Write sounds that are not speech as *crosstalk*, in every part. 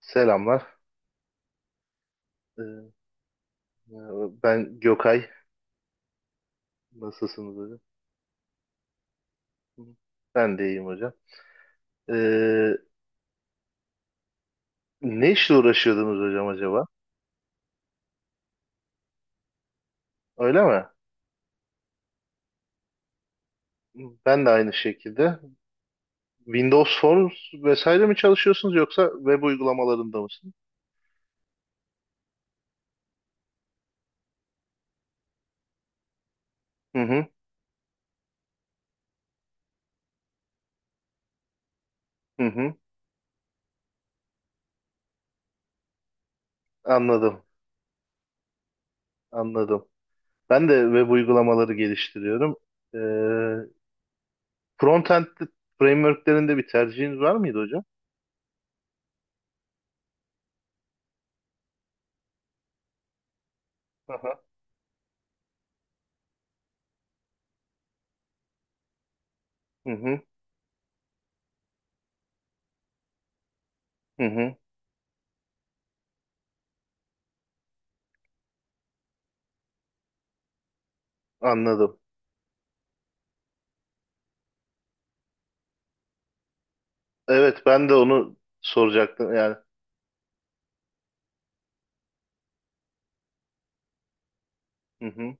Selamlar. Ee, Ben Gökay. Nasılsınız hocam? Ben de iyiyim hocam. Ee, Ne işle uğraşıyordunuz hocam acaba? Öyle mi? Ben de aynı şekilde. Windows Forms vesaire mi çalışıyorsunuz yoksa web uygulamalarında mısınız? Hı hı, hı hı. Anladım, anladım. Ben de web uygulamaları geliştiriyorum. Ee, Frontend frameworklerinde bir tercihiniz var mıydı hocam? Aha. Hı hı, hı hı. Anladım. Evet ben de onu soracaktım yani. Hı hı,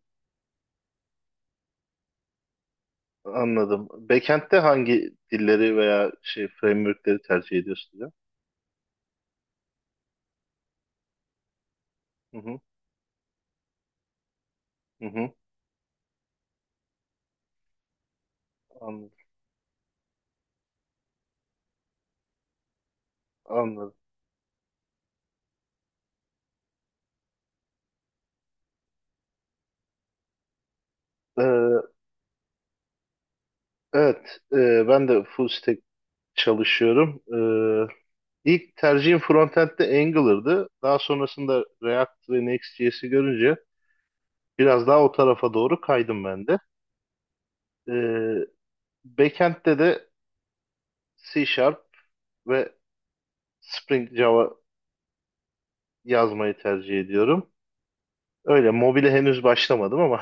anladım. Backend'de hangi dilleri veya şey framework'leri tercih ediyorsun diyor. Hı hı, hı hı, anladım. Anladım. Ee, evet, ben de full stack çalışıyorum. Ee, ilk tercihim frontend'de Angular'dı. Daha sonrasında React ve Next.js'i görünce biraz daha o tarafa doğru kaydım ben de. Ee, Backend'de de C Sharp ve Spring Java yazmayı tercih ediyorum. Öyle mobile henüz başlamadım ama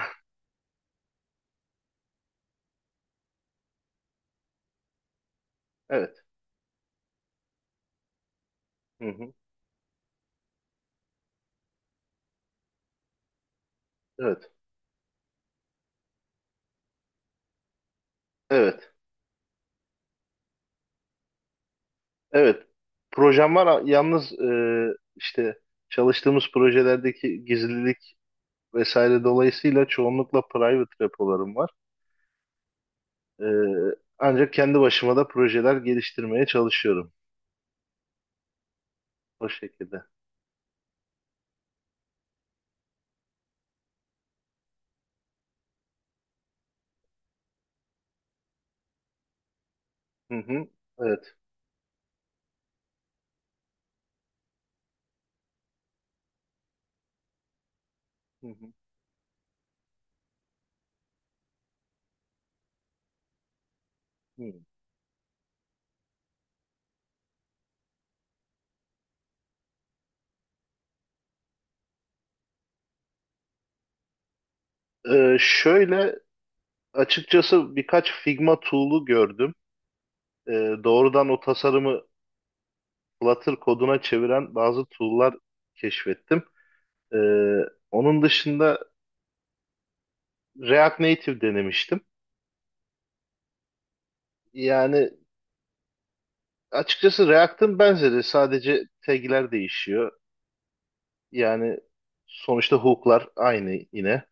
*laughs* evet. Hı hı. Evet. Evet. Evet. Projem var yalnız işte çalıştığımız projelerdeki gizlilik vesaire dolayısıyla çoğunlukla private repolarım var. E, Ancak kendi başıma da projeler geliştirmeye çalışıyorum. O şekilde. Hı hı. Evet. Hı hı. Hı. Şöyle açıkçası birkaç Figma tool'u gördüm. Ee, Doğrudan o tasarımı Flutter koduna çeviren bazı tool'lar keşfettim. Ee, Onun dışında React Native denemiştim. Yani açıkçası React'ın benzeri, sadece tag'ler değişiyor. Yani sonuçta hook'lar aynı yine.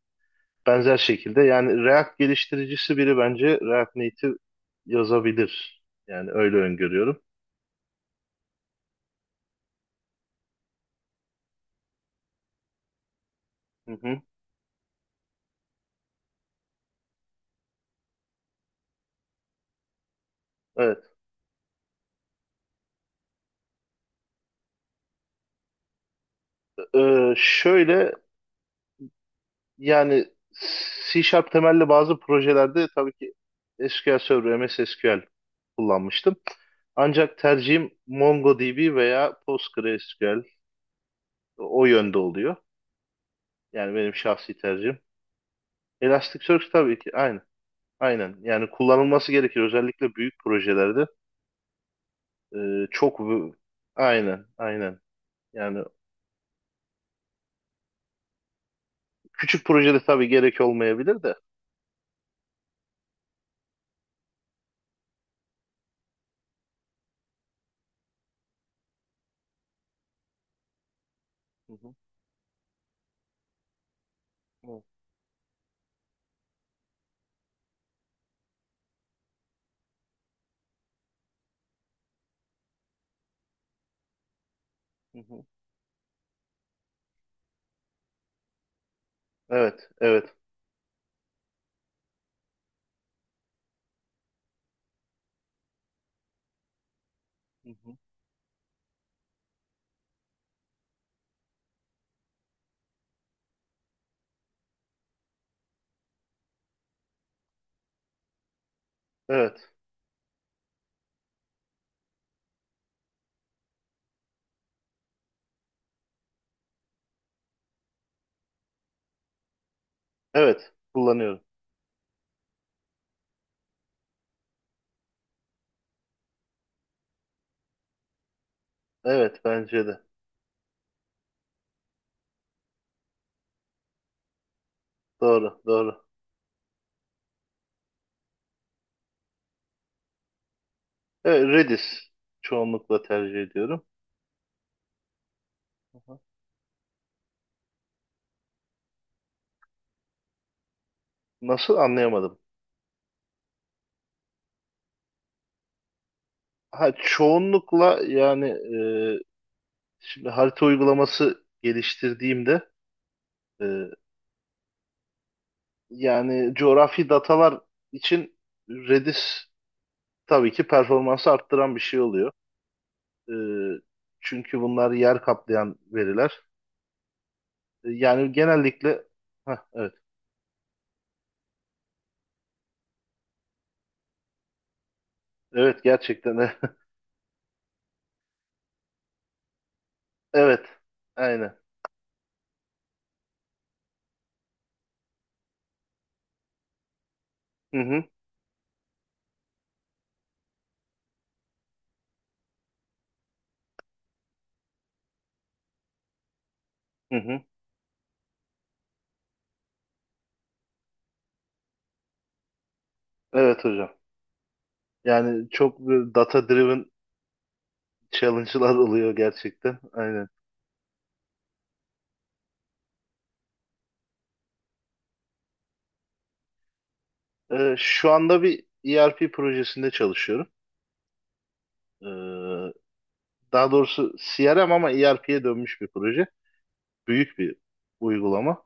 Benzer şekilde yani React geliştiricisi biri bence React Native yazabilir. Yani öyle öngörüyorum. Hı hı. Evet. Şöyle yani C Sharp temelli bazı projelerde tabii ki SQL Server, MS SQL kullanmıştım. Ancak tercihim MongoDB veya PostgreSQL, o yönde oluyor. Yani benim şahsi tercihim. Elasticsearch tabii ki aynı. Aynen. Yani kullanılması gerekir. Özellikle büyük projelerde e, çok v- aynen, aynen. Yani küçük projede tabii gerek olmayabilir de. Hı hı. Hı hı. Evet, evet. Hı hı. Evet, evet. Kullanıyorum. Evet bence de. Doğru, doğru. Evet, Redis çoğunlukla tercih ediyorum. Aha. Nasıl, anlayamadım. Ha, çoğunlukla yani şimdi harita uygulaması geliştirdiğimde, e, yani coğrafi datalar için Redis tabii ki performansı arttıran bir şey oluyor. E, Çünkü bunlar yer kaplayan veriler. Yani genellikle hah, evet. Evet gerçekten. *laughs* Evet. Aynen. Hı hı. Hı hı. Evet hocam. Yani çok böyle data driven challenge'lar *laughs* oluyor gerçekten. Aynen. Şu anda bir ERP projesinde çalışıyorum. Ee, Daha doğrusu CRM, ama ERP'ye dönmüş bir proje. Büyük bir uygulama.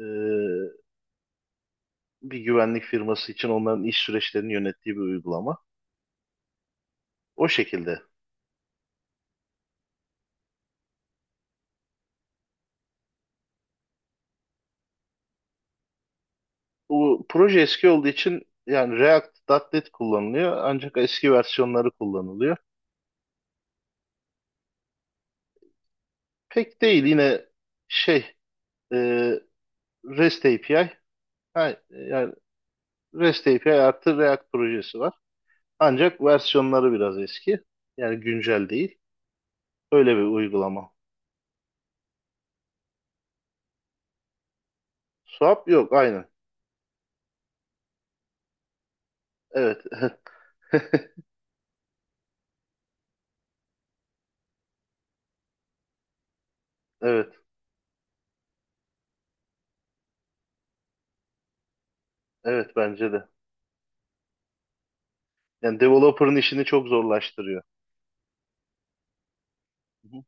Ee, Bir güvenlik firması için onların iş süreçlerini yönettiği bir uygulama. O şekilde. Bu proje eski olduğu için yani React.NET kullanılıyor, ancak eski versiyonları kullanılıyor. Pek değil, yine şey e, REST API. Ha, yani REST API artı React projesi var. Ancak versiyonları biraz eski. Yani güncel değil. Öyle bir uygulama. Swap yok, aynen. Evet. *laughs* Evet. Evet bence de. Yani developer'ın işini çok zorlaştırıyor. Hı hı.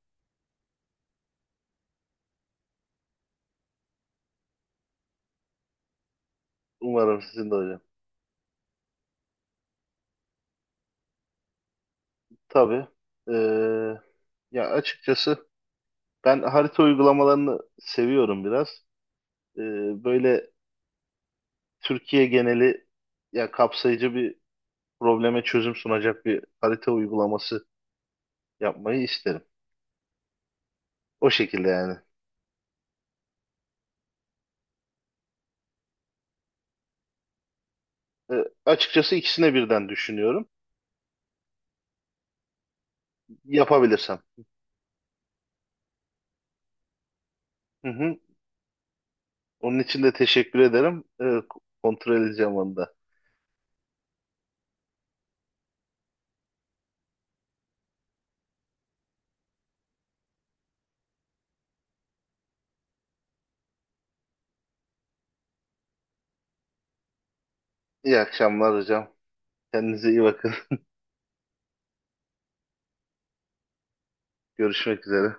Umarım sizin de hocam. Tabii. Ee, Ya açıkçası ben harita uygulamalarını seviyorum biraz. Ee, Böyle Türkiye geneli, ya kapsayıcı bir, probleme çözüm sunacak bir harita uygulaması yapmayı isterim. O şekilde yani. E, Açıkçası ikisine birden düşünüyorum. Yapabilirsem. Hı hı. Onun için de teşekkür ederim. Kontrol edeceğim onu da. İyi akşamlar hocam. Kendinize iyi bakın. *laughs* Görüşmek üzere.